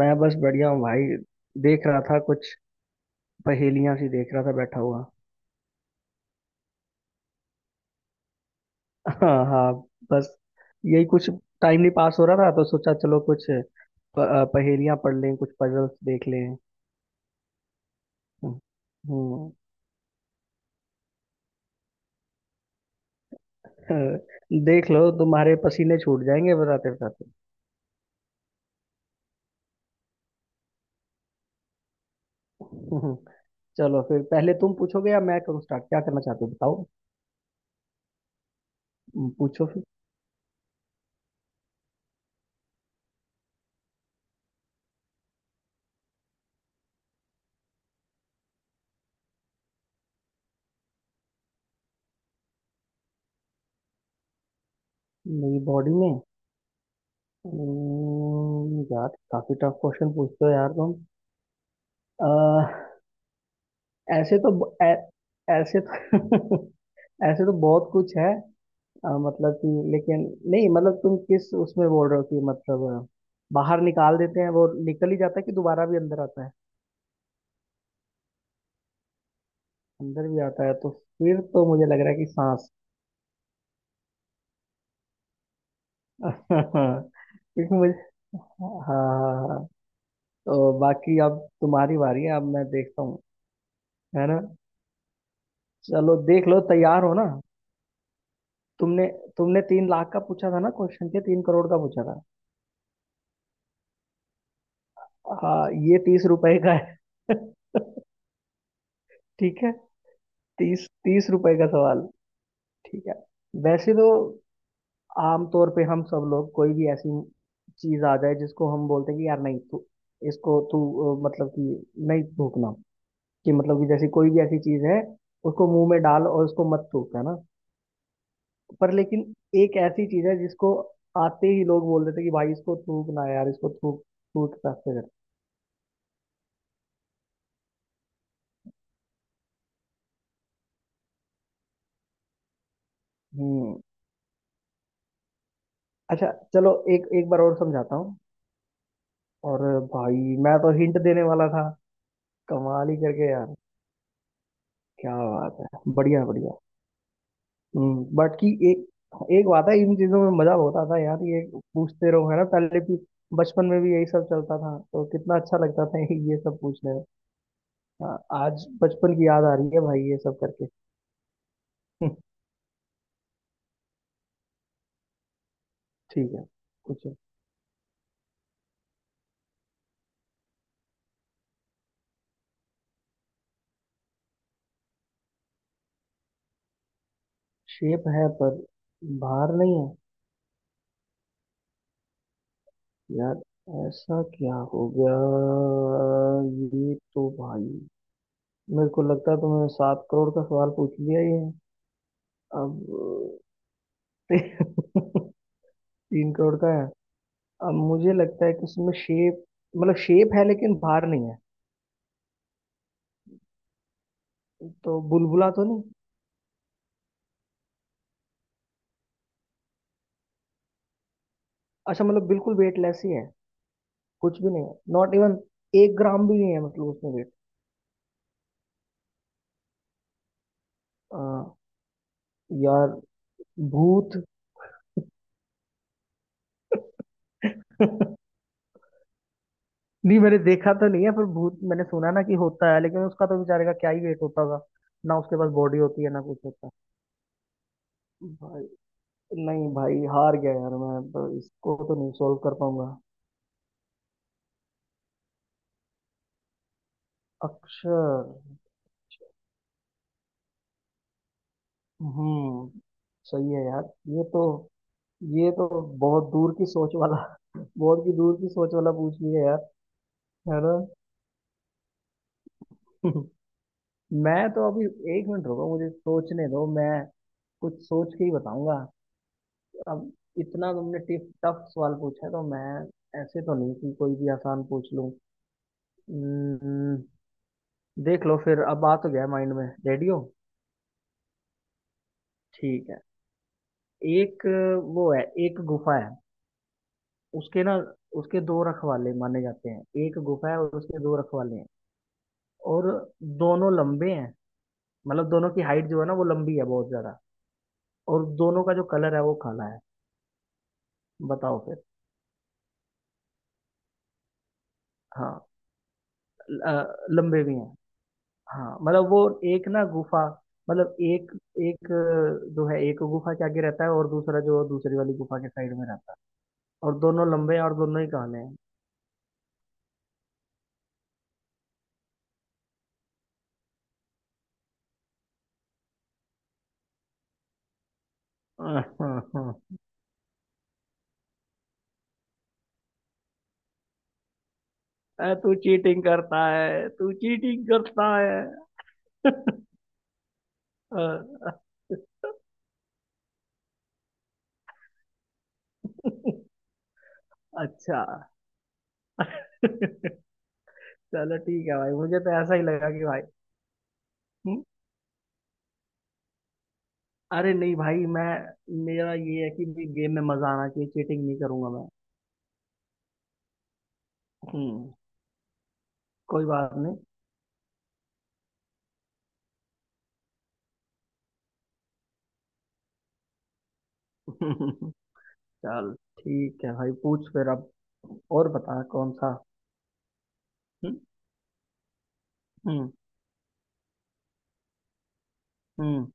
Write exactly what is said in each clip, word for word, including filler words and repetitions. मैं बस बढ़िया हूँ भाई। देख रहा था कुछ, पहेलियां सी देख रहा था बैठा हुआ। हाँ हाँ। बस यही कुछ। टाइम नहीं पास हो रहा था तो सोचा चलो कुछ प, अ, पहेलियां पढ़ लें, कुछ पजल्स देख लें। हम्म। अ, देख लो तुम्हारे पसीने छूट जाएंगे बताते बताते। हम्म, चलो फिर, पहले तुम पूछोगे या मैं करूँ स्टार्ट, क्या करना चाहते हो बताओ। हम्म, पूछो फिर। मेरी बॉडी में। हम्म, यार, काफी टफ क्वेश्चन पूछते हो यार तुम। अह, ऐसे तो ब- ऐ, ऐसे तो ऐसे तो बहुत कुछ है। अ, मतलब कि, लेकिन नहीं, मतलब तुम किस उसमें बोल रहे हो, कि मतलब अ, बाहर निकाल देते हैं वो निकल ही जाता है कि दोबारा भी अंदर आता है? अंदर भी आता है तो फिर तो मुझे लग रहा है कि सांस। क्योंकि मुझे हाँ हाँ। हाँ। हाँ, तो बाकी अब तुम्हारी बारी है, अब मैं देखता हूँ। है ना। चलो देख लो तैयार हो ना। तुमने तुमने तीन लाख का पूछा था ना क्वेश्चन, के तीन करोड़ का पूछा था। हाँ, ये तीस रुपए का है। ठीक है। तीस तीस रुपए का सवाल। ठीक है। वैसे तो आमतौर पे हम सब लोग, कोई भी ऐसी चीज आ जाए जिसको हम बोलते हैं कि यार नहीं, तू इसको तू अ, मतलब कि नहीं थूकना, कि मतलब कि जैसे कोई भी ऐसी चीज है, उसको मुंह में डाल और उसको मत थूक, है ना। पर लेकिन एक ऐसी चीज है जिसको आते ही लोग बोल देते हैं कि भाई इसको थूक ना यार, इसको थूक, थूक रास्ते कर। हम्म। अच्छा चलो, एक एक बार और समझाता हूँ। और भाई मैं तो हिंट देने वाला था, कमाल ही करके यार। क्या बात है, बढ़िया बढ़िया। हम्म बाकी एक एक बात है, इन चीजों में मजा होता था यार ये। पूछते रहो है ना, पहले भी, बचपन में भी यही सब चलता था, तो कितना अच्छा लगता था ये सब पूछने में। हाँ, आज बचपन की याद आ रही है भाई ये सब करके। ठीक है पूछो। शेप है पर बाहर नहीं है। यार, ऐसा क्या हो गया? ये तो भाई, मेरे को लगता है तुमने सात करोड़ का सवाल पूछ लिया ये। अब तीन करोड़ का है। अब मुझे लगता है कि इसमें शेप, मतलब शेप है लेकिन भार नहीं है। तो बुलबुला तो नहीं? अच्छा मतलब बिल्कुल वेटलेस ही है? कुछ भी नहीं है, नॉट इवन एक ग्राम भी नहीं है मतलब उसमें वेट। यार, भूत। नहीं, मैंने देखा तो नहीं है पर भूत मैंने सुना ना कि होता है, लेकिन उसका तो बेचारे का क्या ही वेट होता होगा। ना उसके पास बॉडी होती है, ना कुछ होता है भाई। नहीं भाई, हार गया यार मैं तो, इसको तो नहीं सॉल्व कर पाऊंगा। अक्षर। हम्म सही है यार। ये तो ये तो बहुत दूर की सोच वाला। बहुत की दूर की सोच वाला पूछ लिया यार। है ना। मैं तो अभी एक मिनट रुको मुझे सोचने दो, मैं कुछ सोच के ही बताऊंगा। अब इतना तुमने टिफ टफ सवाल पूछा है तो मैं ऐसे तो नहीं कि कोई भी आसान पूछ लूं। हम्म, देख लो फिर, अब आ तो गया माइंड में, रेडियो। ठीक है। एक वो है, एक गुफा है। उसके ना उसके दो रखवाले माने जाते हैं, एक गुफा है और उसके दो रखवाले हैं। और दोनों लंबे हैं, मतलब दोनों की हाइट जो है ना वो लंबी है बहुत ज्यादा। और दोनों का जो कलर है वो काला है। बताओ फिर। हाँ। ल- अ, लंबे भी हैं। हाँ मतलब वो, एक ना गुफा, मतलब एक, एक अ, जो है एक गुफा के आगे रहता है और दूसरा जो दूसरी वाली गुफा के साइड में रहता है। और दोनों लंबे हैं और दोनों ही काले हैं। अ, तू चीटिंग करता है, तू चीटिंग करता है। अ, अच्छा। चलो ठीक है भाई, मुझे तो ऐसा ही लगा कि भाई। हम्म, अरे नहीं भाई, मैं, मेरा ये है कि गेम में मजा आना चाहिए, चीटिंग नहीं करूंगा मैं। हम्म कोई बात नहीं। चल ठीक है भाई, पूछ फिर अब और बता कौन सा। हम्म। हम्म। हम्म।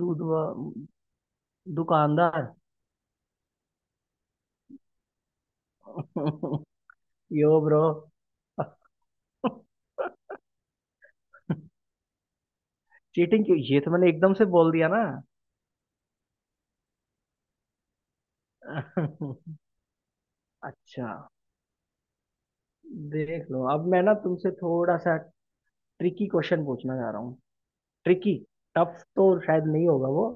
दूध वा- दुकानदार। यो ब्रो। चीटिंग क्यों, ये तो मैंने एकदम से बोल दिया ना। अच्छा, देख लो अब मैं ना तुमसे थोड़ा सा ट्रिकी क्वेश्चन पूछना चाह रहा हूँ। ट्रिकी। टफ तो शायद नहीं होगा वो,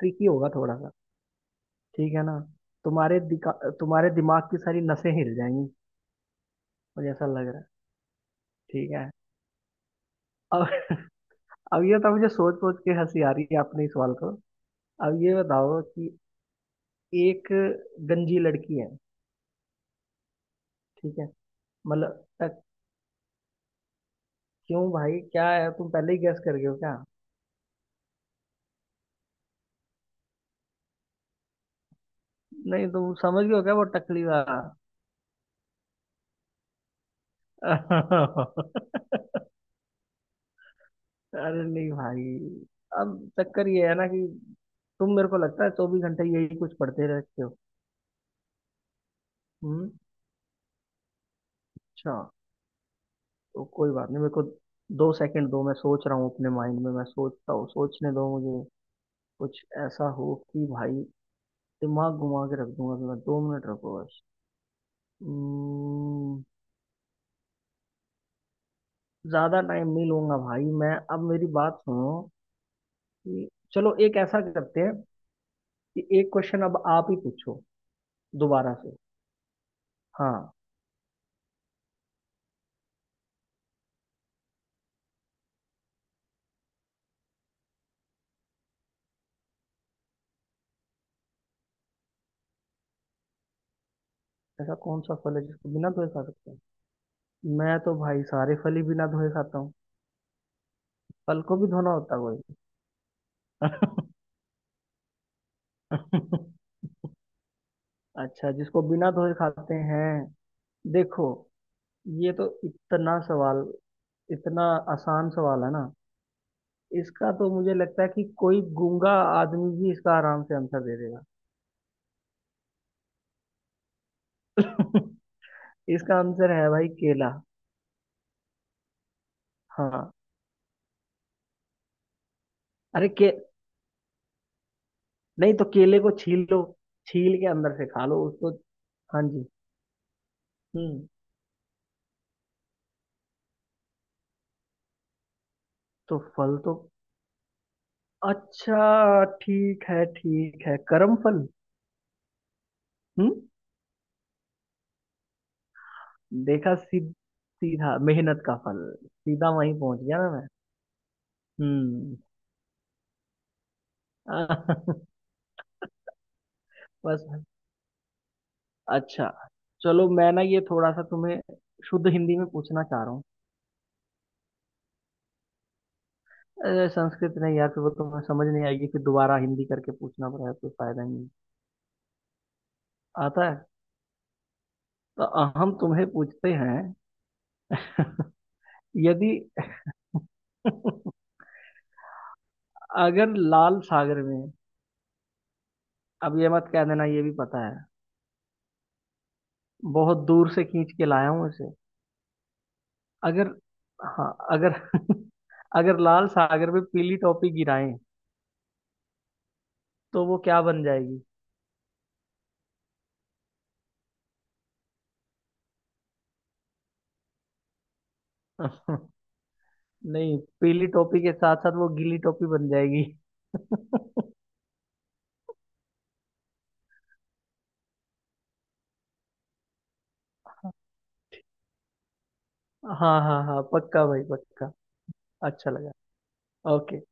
ट्रिकी होगा थोड़ा सा, ठीक है ना। तुम्हारे दिका तुम्हारे दिमाग की सारी नसें हिल जाएंगी, मुझे ऐसा लग रहा है। ठीक है। अब अब ये तो मुझे सोच सोच के हंसी आ रही है अपने इस सवाल को। अब ये बताओ कि एक गंजी लड़की है। ठीक है। मतलब टक- क्यों भाई, क्या है, तुम पहले ही गैस कर गए हो क्या? नहीं, तुम समझ गए हो क्या वो टकली वाला? अरे नहीं भाई। अब चक्कर ये है ना कि तुम, मेरे को लगता है चौबीस घंटे यही कुछ पढ़ते रहते हो। हम्म। अच्छा तो कोई बात नहीं। मेरे को दो सेकंड दो, मैं सोच रहा हूँ अपने माइंड में, मैं सोचता हूँ, सोचने दो मुझे। कुछ ऐसा हो कि भाई दिमाग घुमा के रख दूंगा, तो मैं दो मिनट रखो बस। हम्म, ज्यादा टाइम नहीं लूंगा भाई मैं। अब मेरी बात सुनो कि चलो एक ऐसा करते हैं कि एक क्वेश्चन अब आप ही पूछो दोबारा से। हाँ। ऐसा कौन सा फल है जिसको बिना धोए खा सकते हैं? मैं तो भाई सारे फल ही बिना धोए खाता हूँ। फल को भी धोना होता है? कोई। अच्छा, जिसको बिना धोए खाते हैं? देखो, ये तो इतना सवाल इतना आसान सवाल है ना, इसका तो मुझे लगता है कि कोई गूंगा आदमी भी इसका आराम से आंसर दे देगा। इसका आंसर है भाई, केला। हाँ। अरे के नहीं तो केले को छील लो, छील के अंदर से खा लो उसको। हाँ जी। हम्म तो फल तो, अच्छा ठीक है, ठीक है कर्म फल। हम्म देखा, सीध, सीधा मेहनत का फल। सीधा वहीं पहुंच गया ना मैं। हम्म बस। अच्छा, चलो मैं ना ये थोड़ा सा तुम्हें शुद्ध हिंदी में पूछना चाह रहा हूँ। अरे, संस्कृत नहीं यार, फिर वो तुम्हें समझ नहीं आएगी, फिर दोबारा हिंदी करके पूछना पड़ेगा, कोई फायदा नहीं। आता है? तो हम तुम्हें पूछते हैं। यदि अगर लाल सागर में। अब ये मत कह देना ये भी पता है, बहुत दूर से खींच के लाया हूं इसे। अगर हाँ अगर अगर लाल सागर में पीली टोपी गिराएं, तो वो क्या बन जाएगी? नहीं, पीली टोपी के साथ साथ वो गीली टोपी बन जाएगी। हाँ हाँ हाँ, पक्का भाई पक्का। अच्छा लगा। ओके।